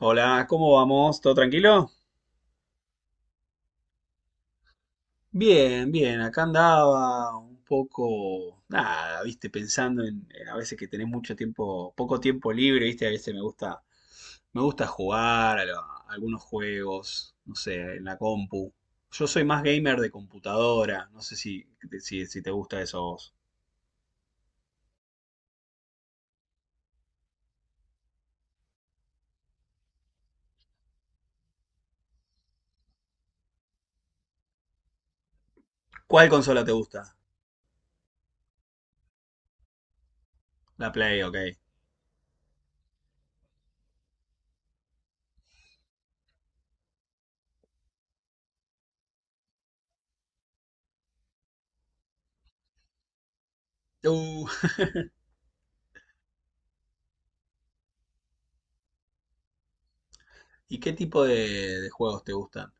Hola, ¿cómo vamos? ¿Todo tranquilo? Bien, bien, acá andaba un poco, nada, viste, pensando en a veces que tenés mucho tiempo, poco tiempo libre, viste, a veces me gusta jugar a, a algunos juegos, no sé, en la compu. Yo soy más gamer de computadora, no sé si te gusta eso a vos. ¿Cuál consola te gusta? La Play, ok. Uh, ¿Y qué tipo de juegos te gustan?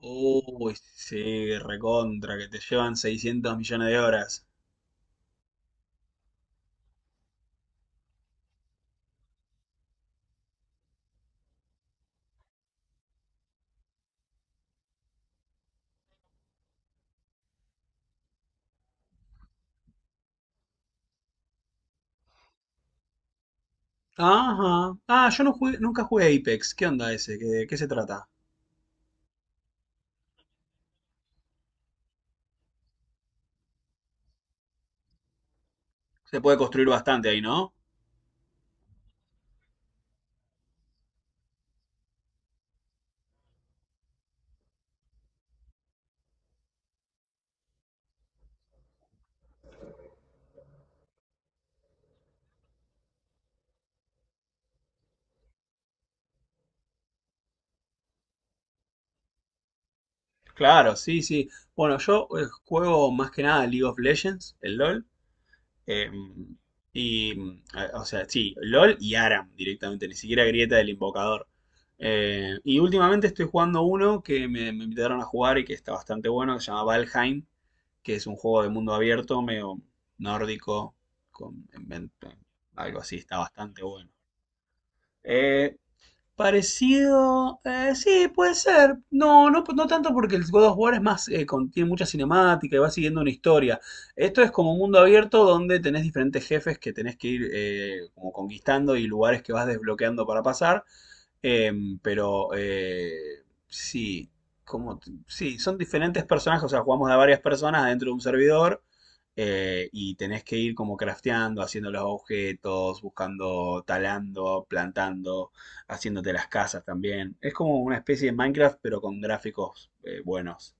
Uy, sí, recontra, que te llevan 600 millones de horas. Ajá. Ah, yo no jugué- nunca jugué a Apex. ¿Qué onda ese? ¿Qué se trata? Se puede construir bastante ahí, ¿no? Claro, sí, sí. Bueno, yo juego más que nada League of Legends, el LOL. Eh, y, o sea, sí, LOL y Aram directamente, ni siquiera Grieta del Invocador. Y últimamente estoy jugando uno que me invitaron a jugar y que está bastante bueno, que se llama Valheim, que es un juego de mundo abierto, medio nórdico, con, algo así, está bastante bueno. Eh, Parecido, sí, puede ser. No, no, no tanto porque el God of War es más, tiene mucha cinemática y va siguiendo una historia. Esto es como un mundo abierto donde tenés diferentes jefes que tenés que ir como conquistando y lugares que vas desbloqueando para pasar. Pero sí, como sí, son diferentes personajes, o sea, jugamos de varias personas dentro de un servidor y tenés que ir como crafteando, haciendo los objetos, buscando, talando, plantando, haciéndote las casas también. Es como una especie de Minecraft, pero con gráficos buenos.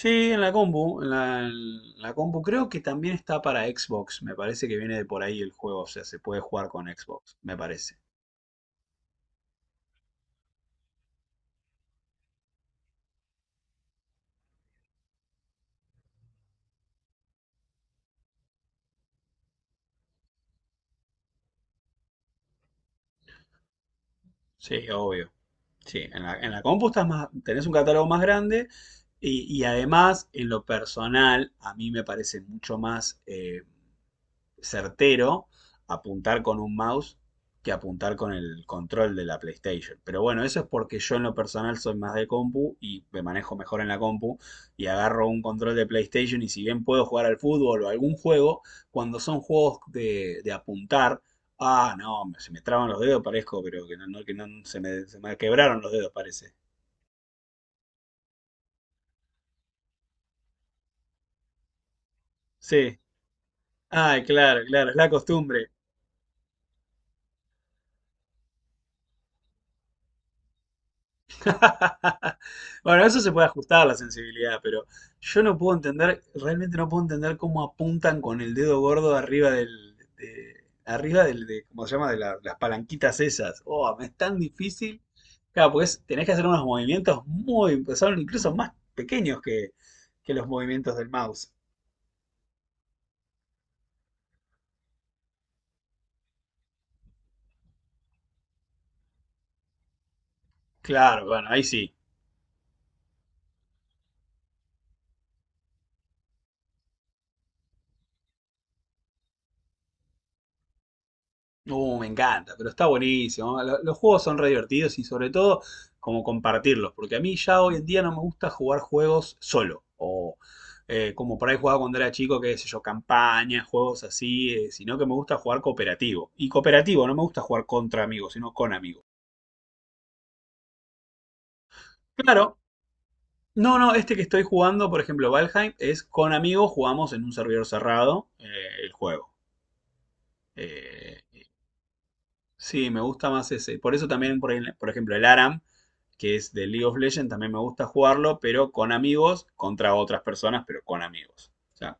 Sí, en la compu, en la compu creo que también está para Xbox, me parece que viene de por ahí el juego, o sea, se puede jugar con Xbox, me parece. Sí, obvio. Sí, en la compu estás más, tenés un catálogo más grande y además, en lo personal, a mí me parece mucho más certero apuntar con un mouse que apuntar con el control de la PlayStation. Pero bueno, eso es porque yo en lo personal soy más de compu y me manejo mejor en la compu y agarro un control de PlayStation y si bien puedo jugar al fútbol o algún juego, cuando son juegos de apuntar, ah, no, se me traban los dedos, parezco, pero que no, que no se me quebraron los dedos, parece. Sí. Ay, claro, claro, es la costumbre. Bueno, eso se puede ajustar a la sensibilidad, pero yo no puedo entender, realmente no puedo entender cómo apuntan con el dedo gordo arriba arriba del, de, ¿cómo se llama? De las palanquitas esas. Oh, es tan difícil. Claro, pues tenés que hacer unos movimientos muy, son incluso más pequeños que los movimientos del mouse. Claro, bueno, ahí sí. Me encanta, pero está buenísimo. Los juegos son re divertidos y sobre todo como compartirlos, porque a mí ya hoy en día no me gusta jugar juegos solo, o como por ahí jugaba cuando era chico, qué sé yo, campañas, juegos así, sino que me gusta jugar cooperativo. Y cooperativo, no me gusta jugar contra amigos, sino con amigos. Claro, no, no, este que estoy jugando, por ejemplo, Valheim, es con amigos, jugamos en un servidor cerrado el juego. Eh, sí, me gusta más ese. Por eso también, por, ahí, por ejemplo, el ARAM, que es de League of Legends, también me gusta jugarlo, pero con amigos, contra otras personas, pero con amigos. O sea,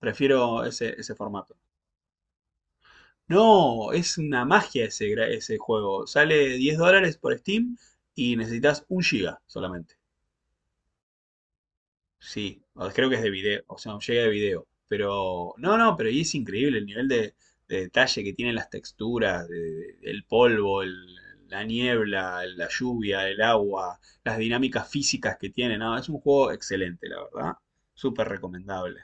prefiero ese formato. No, es una magia ese, ese juego. Sale 10 dólares por Steam y necesitas un giga solamente. Sí, o creo que es de video, o sea, llega de video. Pero, no, no, pero y es increíble el nivel de detalle que tienen las texturas, el polvo, la niebla, la lluvia, el agua, las dinámicas físicas que tiene. No, es un juego excelente, la verdad. Súper recomendable.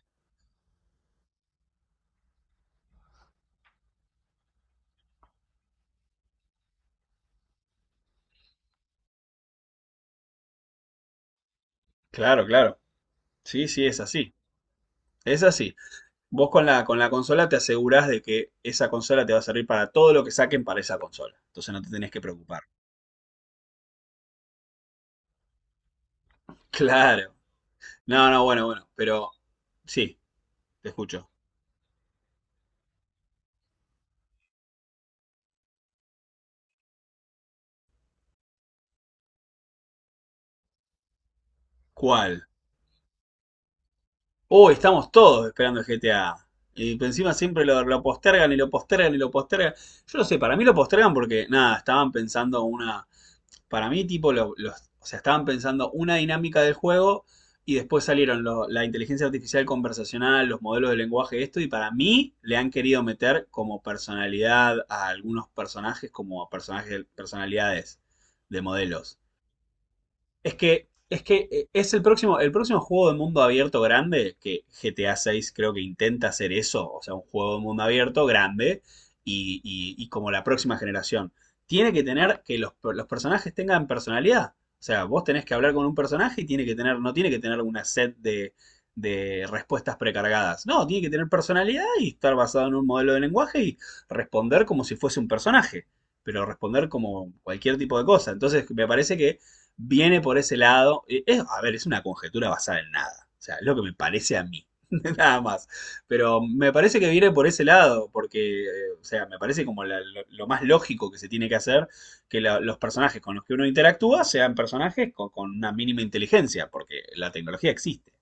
Claro, claro. Sí, sí, es así. Es así. Vos con la consola te asegurás de que esa consola te va a servir para todo lo que saquen para esa consola. Entonces no te tenés que preocupar. Claro. No, no, bueno, bueno, pero sí. Te escucho. ¿Cuál? Uy, estamos todos esperando el GTA. Y por encima siempre lo postergan y lo postergan y lo postergan. Yo no sé, para mí lo postergan porque, nada, estaban pensando una. Para mí, tipo, o sea, estaban pensando una dinámica del juego y después salieron la inteligencia artificial conversacional, los modelos de lenguaje, esto. Y para mí, le han querido meter como personalidad a algunos personajes, como personajes, personalidades de modelos. Es que es el próximo juego de mundo abierto grande, que GTA 6 creo que intenta hacer eso, o sea, un juego de mundo abierto grande y como la próxima generación. Tiene que tener que los personajes tengan personalidad. O sea, vos tenés que hablar con un personaje y tiene que tener, no tiene que tener una set de respuestas precargadas. No, tiene que tener personalidad y estar basado en un modelo de lenguaje y responder como si fuese un personaje, pero responder como cualquier tipo de cosa. Entonces, me parece que viene por ese lado. Es, a ver, es una conjetura basada en nada. O sea, es lo que me parece a mí. Nada más. Pero me parece que viene por ese lado, porque, o sea, me parece como lo más lógico que se tiene que hacer que los personajes con los que uno interactúa sean personajes con una mínima inteligencia, porque la tecnología existe.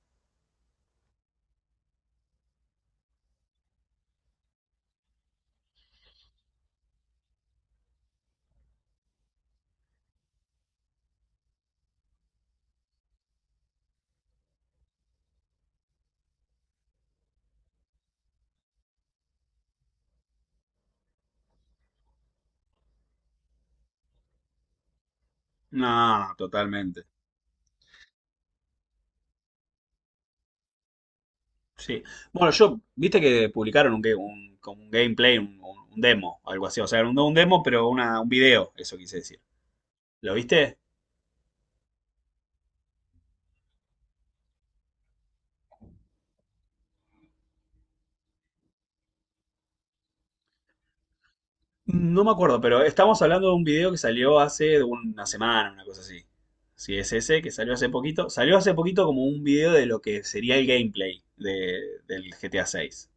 No, totalmente. Sí. Bueno, yo, viste que publicaron como un gameplay, un demo, algo así. O sea, no un demo, pero una, un video, eso quise decir. ¿Lo viste? No me acuerdo, pero estamos hablando de un video que salió hace una semana, una cosa así. Si es ese, que salió hace poquito. Salió hace poquito como un video de lo que sería el gameplay del GTA VI.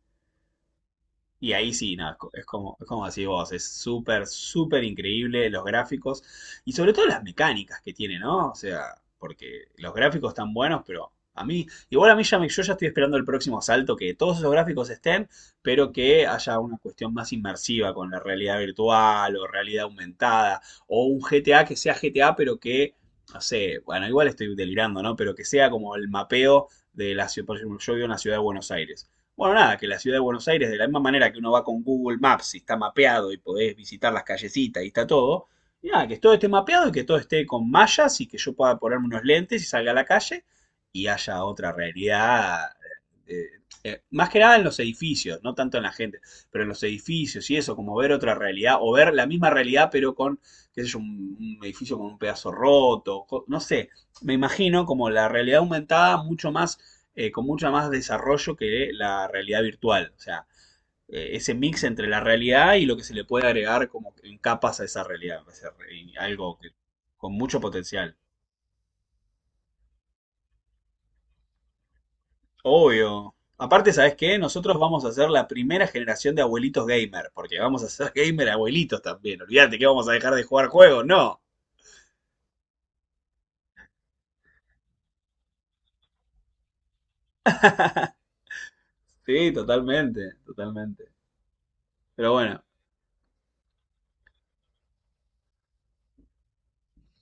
Y ahí sí, nada, es como decís vos, es súper, súper increíble los gráficos y sobre todo las mecánicas que tiene, ¿no? O sea, porque los gráficos están buenos, pero a mí, igual a mí ya yo ya estoy esperando el próximo salto, que todos esos gráficos estén, pero que haya una cuestión más inmersiva con la realidad virtual o realidad aumentada, o un GTA que sea GTA, pero que, no sé, bueno, igual estoy delirando, ¿no? Pero que sea como el mapeo de la ciudad, por ejemplo, yo vivo en la ciudad de Buenos Aires. Bueno, nada, que la ciudad de Buenos Aires, de la misma manera que uno va con Google Maps y está mapeado y podés visitar las callecitas y está todo, y nada, que todo esté mapeado y que todo esté con mallas y que yo pueda ponerme unos lentes y salga a la calle y haya otra realidad. eh, eh, Más que nada en los edificios, no tanto en la gente, pero en los edificios y eso, como ver otra realidad o ver la misma realidad pero con, qué sé yo, un edificio con un pedazo roto, no sé, me imagino como la realidad aumentada mucho más con mucho más desarrollo que la realidad virtual. O sea, ese mix entre la realidad y lo que se le puede agregar como en capas a esa realidad. Va a ser con mucho potencial. Obvio. Aparte, ¿sabes qué? Nosotros vamos a ser la primera generación de abuelitos gamer, porque vamos a ser gamer abuelitos también. Olvídate que vamos a dejar de jugar juegos, no. Sí, totalmente, totalmente. Pero bueno,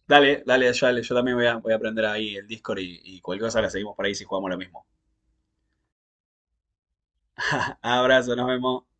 dale, dale, yo también voy a aprender ahí el Discord y cualquier cosa la seguimos por ahí si jugamos lo mismo. Abrazo, nos vemos.